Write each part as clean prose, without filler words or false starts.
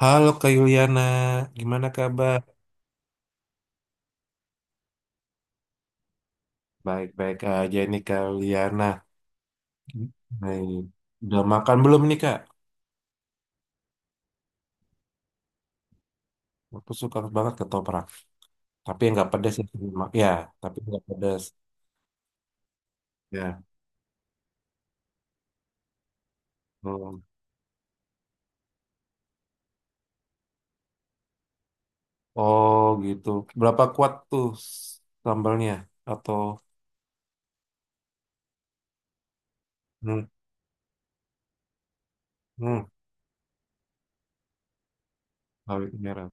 Halo Kak Yuliana, gimana kabar? Baik-baik aja nih Kak Yuliana. Nih, udah makan belum nih Kak? Aku suka banget ketoprak, tapi yang nggak pedas ya. Ya, tapi nggak pedas. Ya. Hmm. Oh gitu. Berapa kuat tuh sambalnya? Atau hmm, hmm, bawang merah.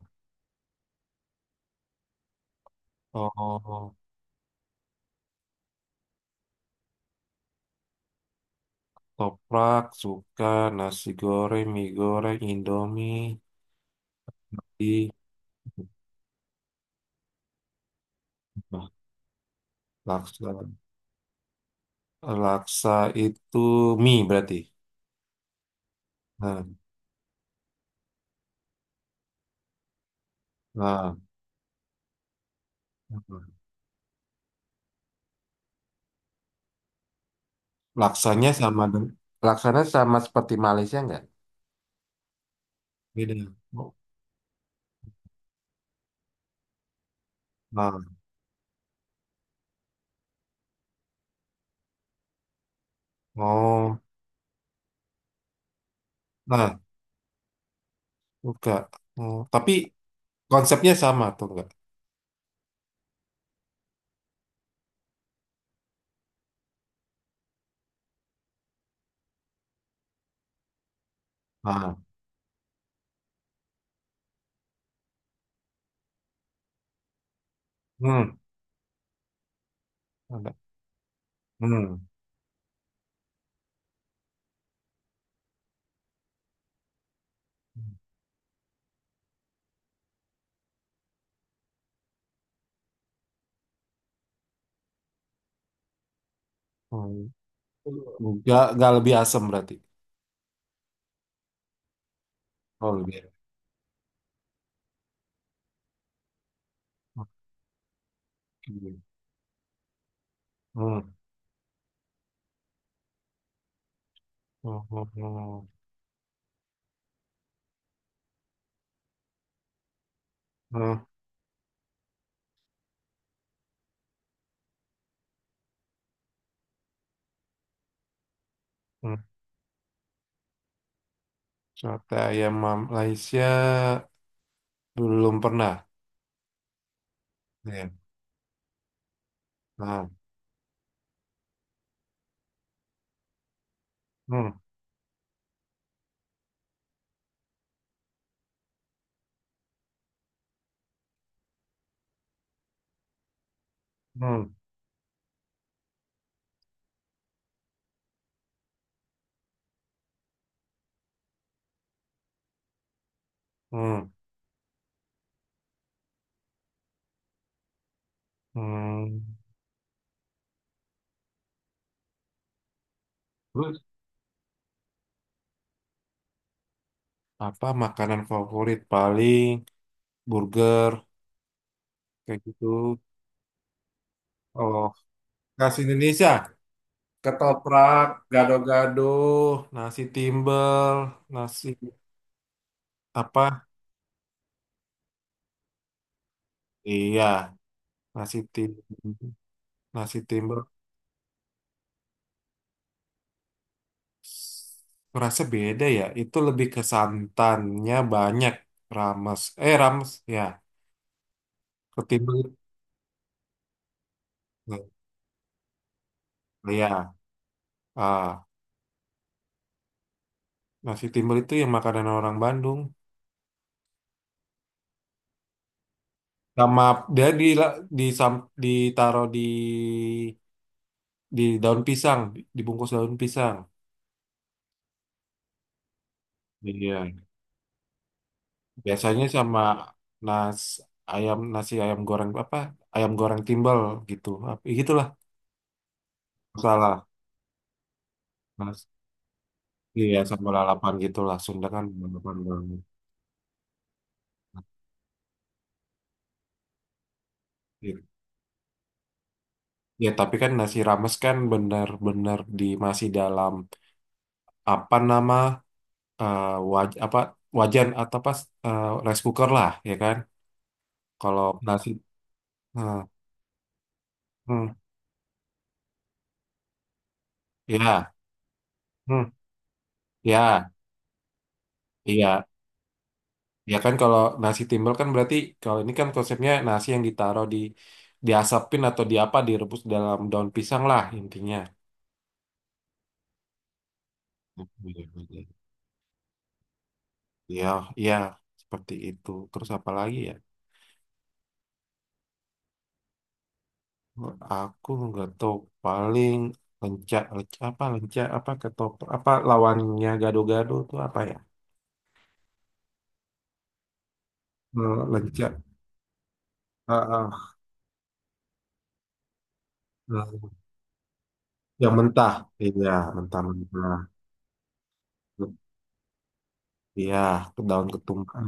Oh, toprak suka nasi goreng, mie goreng, Indomie, di laksa. Laksa itu mie berarti. Nah, nah, nah. laksanya sama deng- Laksanya sama seperti Malaysia nggak? Beda. Oh, nah, oh, nah, enggak. Oh, tapi konsepnya sama tuh enggak? Nah, hmm, enggak. Hmm. Oh, enggak lebih asam berarti. Oh, lebih. Oke. Hmm. Oh, oh, oh. Hmm. Hmm. Sate ayam Malaysia belum pernah. Ya. Nah, hmm. Hmm, hmm, hmm. Terus apa makanan favorit paling burger kayak gitu? Oh, khas Indonesia. Ketoprak, gado-gado, nasi timbel, nasi apa? Iya, nasi tim, nasi timbel. Rasa beda ya. Itu lebih ke santannya banyak. Rames ya. Ketimbel, ya. Ah, nasi timbel itu yang makanan orang Bandung. Sama, dia ditaruh di daun pisang, dibungkus daun pisang. Iya. Biasanya sama nas nasi ayam goreng apa? Ayam goreng timbal gitu. Gitulah salah. Nas, iya sama lalapan gitu lah. Sunda kan lalapan banget. Iya. Ya tapi kan nasi rames kan benar-benar di masih dalam apa nama eh, waj apa wajan atau eh, rice cooker lah ya kan. Kalau nasi eh, Hmm. Ya, Hmm. Ya, iya. Ya kan kalau nasi timbel kan berarti kalau ini kan konsepnya nasi yang ditaruh diasapin atau di apa direbus dalam daun pisang lah intinya. Ya, ya seperti itu. Terus apa lagi ya? Aku nggak tahu paling lenca, lenca apa ketoprak apa lawannya gado-gado itu apa ya? Eh, Lenca, ah, ah, eh, yang mentah, iya mentah-mentah, iya daun ketumbar.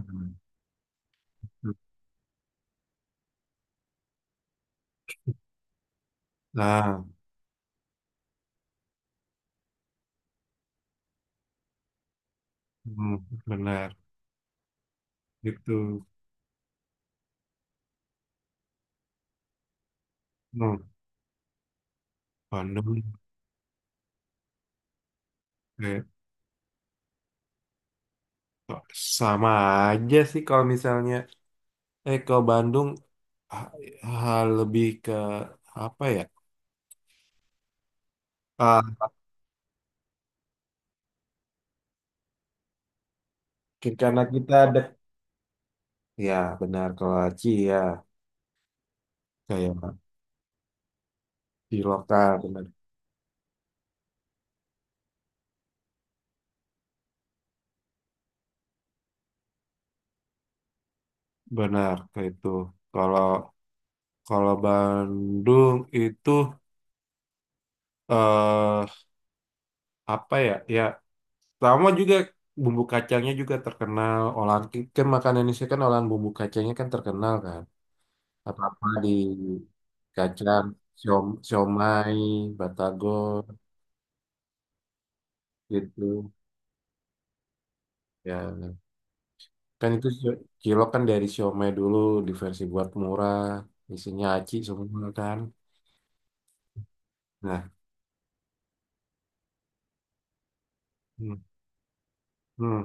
Nah, hmm, benar gitu. Hmm, Bandung kayak kok sama aja sih kalau misalnya kalau Bandung ah, lebih ke apa ya? Ah, karena kita ada ya benar kalau Aci ya kayak di lokal benar benar kayak itu. Kalau kalau Bandung itu eh apa ya? Ya, sama juga bumbu kacangnya juga terkenal. Olahan kan makanan Indonesia kan olahan bumbu kacangnya kan terkenal kan. Apa-apa di kacang, siomay, batagor gitu. Ya kan itu cilok kan dari siomay dulu diversi buat murah, isinya aci semua kan. Nah, hmm, hmm,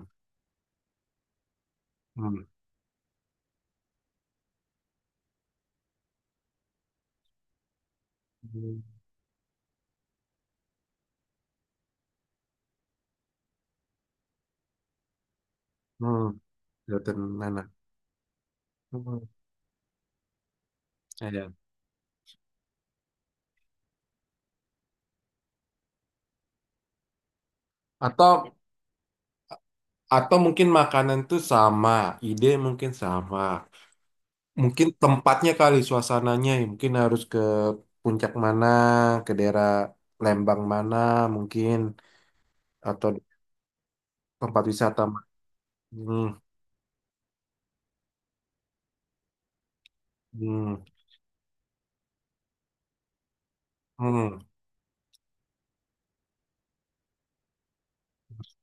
hmm, hmm, hmm, kelihatan enak. Hmm, ada. Atau atau mungkin makanan tuh sama, ide mungkin sama. Mungkin tempatnya kali suasananya ya. Mungkin harus ke puncak mana, ke daerah Lembang mana mungkin atau tempat wisata. hmm, hmm, hmm,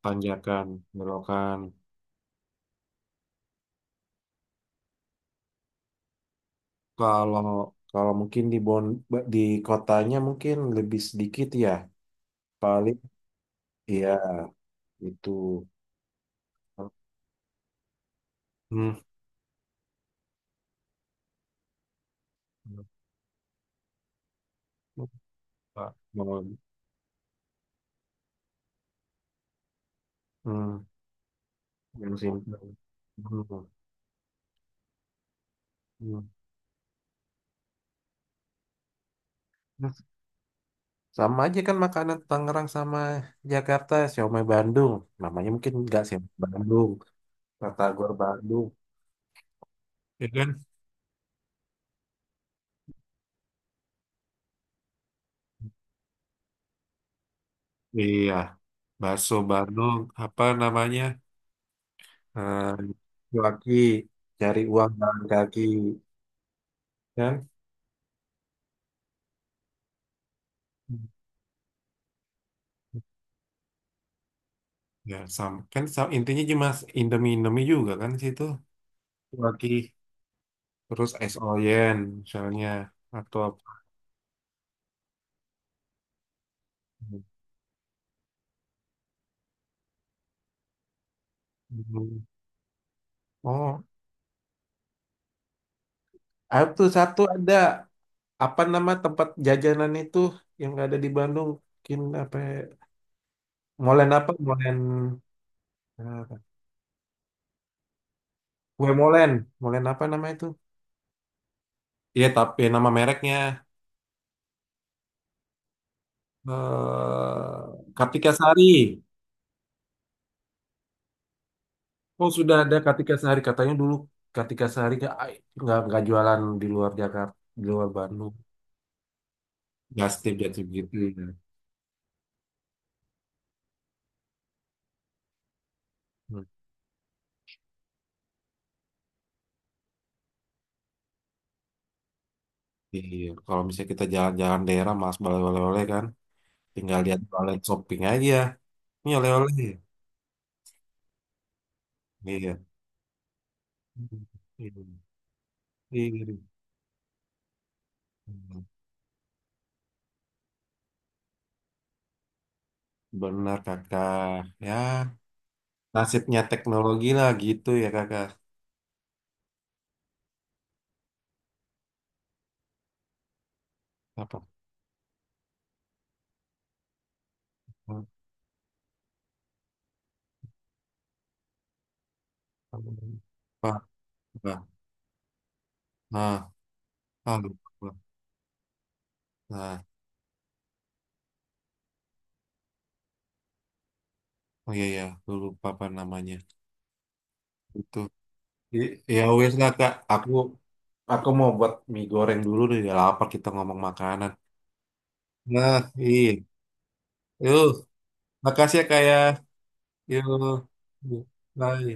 Tanjakan, belokan. Kalau kalau mungkin di kotanya mungkin lebih sedikit ya. Paling ya itu hmm, hmm, mau, hmm, yang simpel. Hmm, hmm. Hmm. Sama aja kan makanan Tangerang sama Jakarta, siomay Bandung. Namanya mungkin nggak sih Bandung, batagor Bandung. Ya kan? Iya, bakso Bandung, apa namanya? Eh, laki cari uang jalan kaki, ya kan? Ya, sama. Kan intinya cuma Indomie-Indomie juga kan di situ. Kaki, terus es oyen misalnya atau apa. Hmm. Oh, ah, tuh satu ada. Apa nama tempat jajanan itu yang ada di Bandung? Mungkin apa? Ya? Molen apa? Eh, kue molen. Molen apa nama itu? Iya, tapi nama mereknya Kartika Sari. Oh, sudah ada Kartika Sari. Katanya dulu Kartika Sari nggak jualan di luar Jakarta, di luar Bandung. Gastip jatuh gitu. Ya. Hmm. Iya, kalau misalnya kita jalan-jalan daerah, mas balik oleh-oleh kan, tinggal lihat oleh shopping aja. Ini oleh-oleh. Iya. Hmm. Iya. Iya. Benar kakak. Ya, nasibnya teknologi lah gitu ya kakak. Apa? Apa? Apa? Nah, ah, lupa. Nah, oh iya ya, lupa apa namanya. Itu. Ya wes lah kak. Aku mau buat mie goreng dulu nih. Udah lapar kita ngomong makanan. Nah, iya. Yuk, makasih ya kak ya. Yuk. Bye.